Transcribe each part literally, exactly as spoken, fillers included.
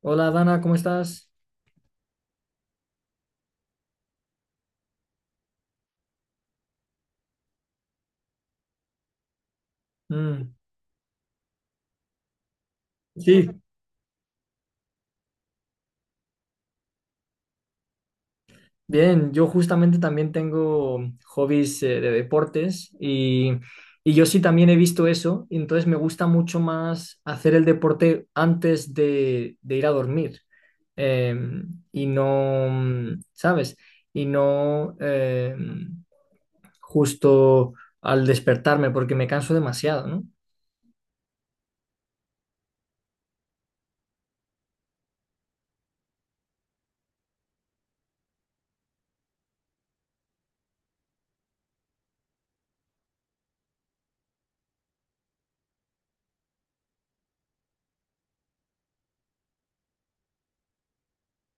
Hola Dana, ¿cómo estás? Mm, sí, bien, yo justamente también tengo hobbies eh, de deportes y, y yo sí también he visto eso, y entonces me gusta mucho más hacer el deporte antes de, de ir a dormir. Em, y no, mm, ¿sabes? Y no em, justo al despertarme porque me canso demasiado, ¿no?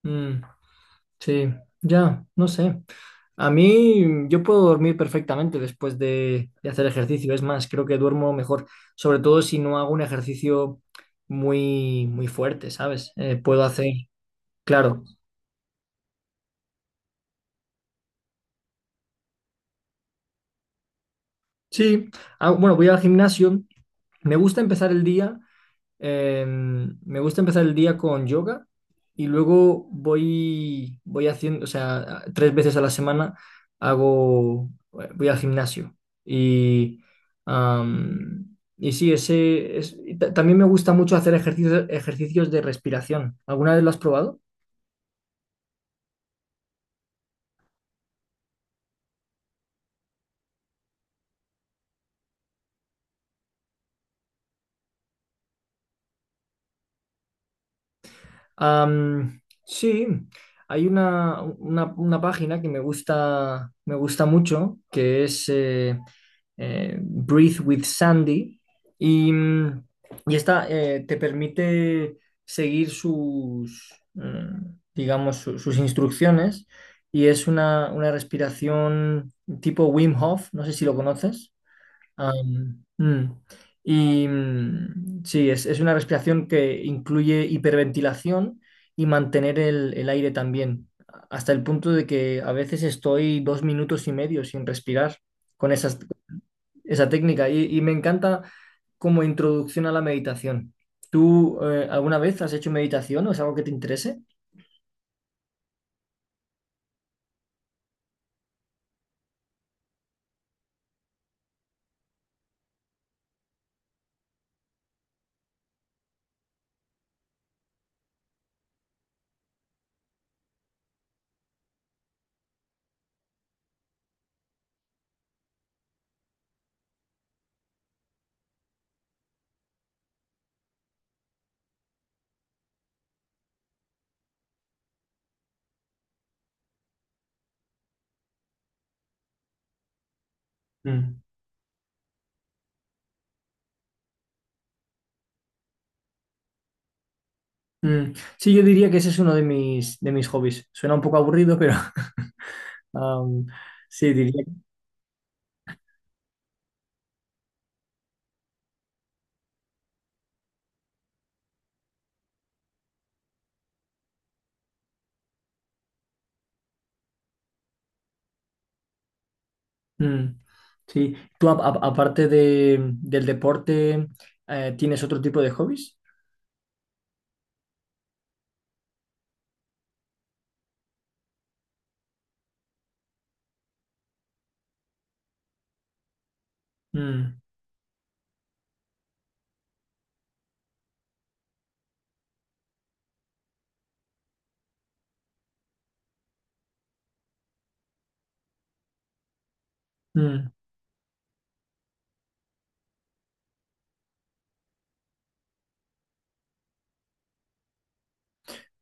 Mm, sí, ya, no sé. A mí, yo puedo dormir perfectamente después de, de hacer ejercicio. Es más, creo que duermo mejor, sobre todo si no hago un ejercicio muy, muy fuerte, ¿sabes? Eh, puedo hacer, claro. Sí, ah, bueno, voy al gimnasio. Me gusta empezar el día Eh, me gusta empezar el día con yoga y luego voy, voy haciendo, o sea, tres veces a la semana hago, voy al gimnasio. Y, am, y sí, ese es, y ta- también me gusta mucho hacer ejercicios, ejercicios de respiración. ¿Alguna vez lo has probado? Am, sí, hay una, una, una página que me gusta, me gusta mucho, que es eh, eh, Breathe with Sandy, y, mm, y esta eh, te permite seguir sus, mm, digamos, su- sus instrucciones, y es una, una respiración tipo Wim Hof, no sé si lo conoces. Am, mm. Y mm, sí, es, es una respiración que incluye hiperventilación y mantener el, el aire también, hasta el punto de que a veces estoy dos minutos y medio sin respirar con esas- esa técnica. Y, y me encanta como introducción a la meditación. ¿Tú eh, alguna vez has hecho meditación o es algo que te interese? Mm. Mm. Sí, yo diría que ese es uno de mis, de mis hobbies. Suena un poco aburrido, pero am, sí, diría. Mm, sí. ¿Tú a- a- aparte de, del deporte, eh, tienes otro tipo de hobbies? Mm, mm.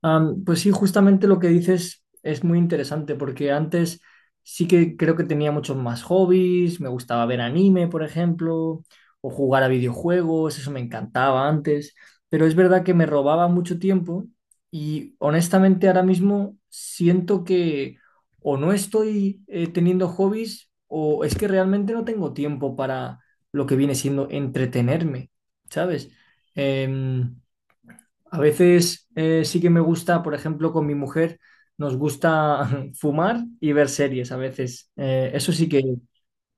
Am, pues sí, justamente lo que dices es muy interesante porque antes sí que creo que tenía muchos más hobbies, me gustaba ver anime, por ejemplo, o jugar a videojuegos, eso me encantaba antes, pero es verdad que me robaba mucho tiempo y honestamente ahora mismo siento que o no estoy eh, teniendo hobbies o es que realmente no tengo tiempo para lo que viene siendo entretenerme, ¿sabes? Em, a veces eh, sí que me gusta, por ejemplo, con mi mujer, nos gusta fumar y ver series a veces. Eh, eso sí que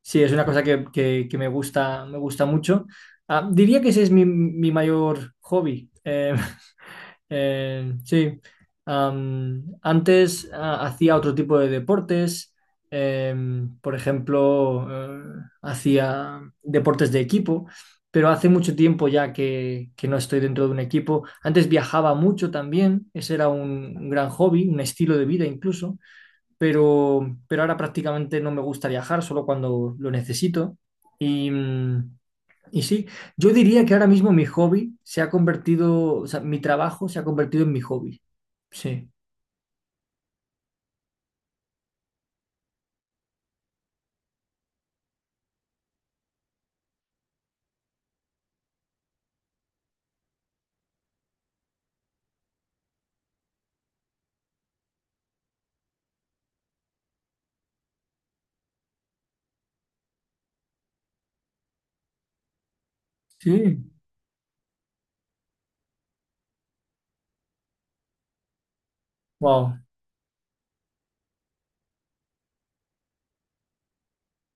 sí, es una cosa que, que- que me gusta, me gusta mucho. Ah, diría que ese es mi, mi mayor hobby. Eh, Eh, sí. Am, antes ah, hacía otro tipo de deportes, em, por ejemplo, eh, hacía deportes de equipo, pero hace mucho tiempo ya que, que no estoy dentro de un equipo. Antes viajaba mucho también, ese era un, un gran hobby, un estilo de vida incluso, pero, pero ahora prácticamente no me gusta viajar, solo cuando lo necesito. Y, mm, y sí, yo diría que ahora mismo mi hobby se ha convertido, o sea, mi trabajo se ha convertido en mi hobby. Sí, sí, wow.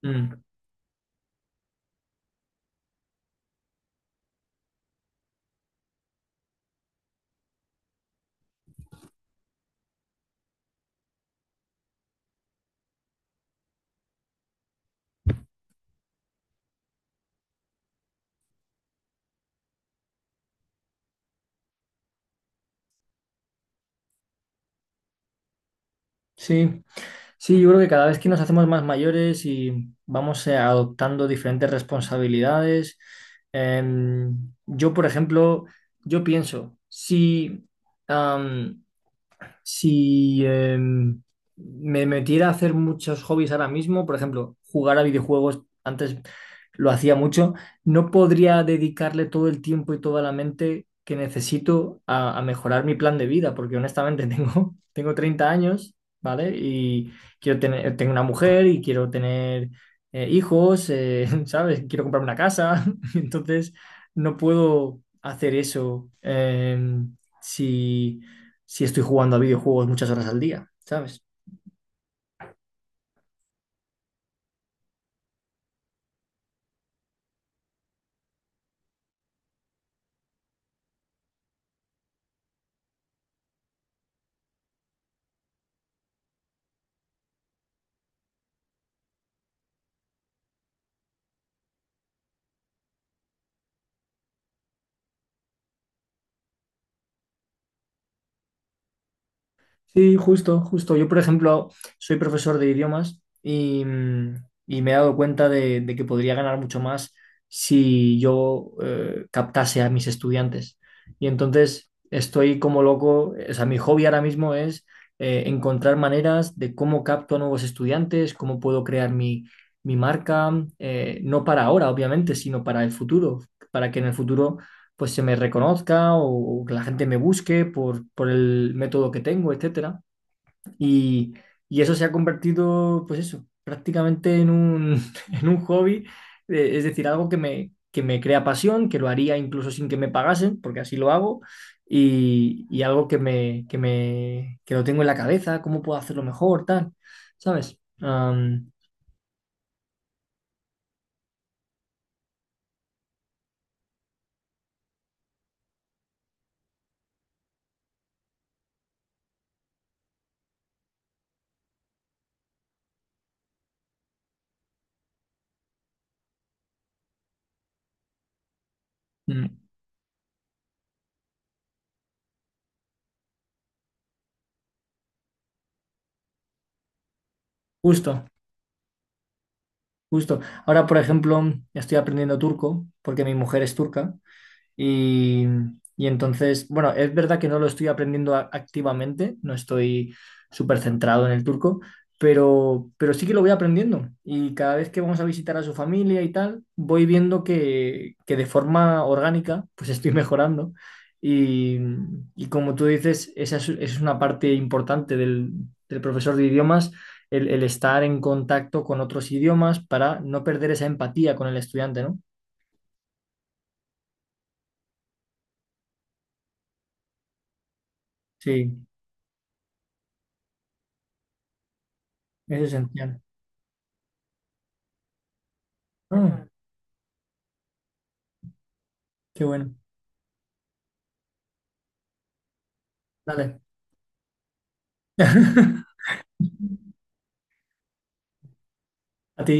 Mm. Sí, sí, yo creo que cada vez que nos hacemos más mayores y vamos eh, adoptando diferentes responsabilidades, em, yo, por ejemplo, yo pienso, si, am, Si eh, me metiera a hacer muchos hobbies ahora mismo, por ejemplo, jugar a videojuegos, antes lo hacía mucho, no podría dedicarle todo el tiempo y toda la mente que necesito a, a mejorar mi plan de vida, porque honestamente tengo, tengo treinta años, ¿vale? Y quiero tener, tengo una mujer y quiero tener eh, hijos, eh, ¿sabes? Quiero comprarme una casa, entonces no puedo hacer eso. eh, si si estoy jugando a videojuegos muchas horas al día, ¿sabes? Sí, justo, justo. Yo, por ejemplo, soy profesor de idiomas y, mm, y me he dado cuenta de, de que podría ganar mucho más si yo eh, captase a mis estudiantes. Y entonces estoy como loco, o sea, mi hobby ahora mismo es eh, encontrar maneras de cómo capto a nuevos estudiantes, cómo puedo crear mi, mi marca, eh, no para ahora, obviamente, sino para el futuro, para que en el futuro pues se me reconozca o, que la gente me busque por, por el método que tengo, etcétera. Y, y eso se ha convertido, pues eso, prácticamente en un, en un hobby, eh, es decir, algo que me, que me crea pasión, que lo haría incluso sin que me pagasen, porque así lo hago, y, y algo que me, que me, que lo tengo en la cabeza, cómo puedo hacerlo mejor, tal, ¿sabes? Am, mm, Justo, justo. Ahora, por ejemplo, estoy aprendiendo turco, porque mi mujer es turca. Y, y entonces, bueno, es verdad que no lo estoy aprendiendo a- activamente, no estoy súper centrado en el turco, pero, pero sí que lo voy aprendiendo. Y cada vez que vamos a visitar a su familia y tal, voy viendo que, que de forma orgánica, pues estoy mejorando. Y, y como tú dices, esa es, esa es una parte importante del, del profesor de idiomas, el, el estar en contacto con otros idiomas para no perder esa empatía con el estudiante, ¿no? Sí, es esencial. Ah. Qué bueno. Dale. A ti.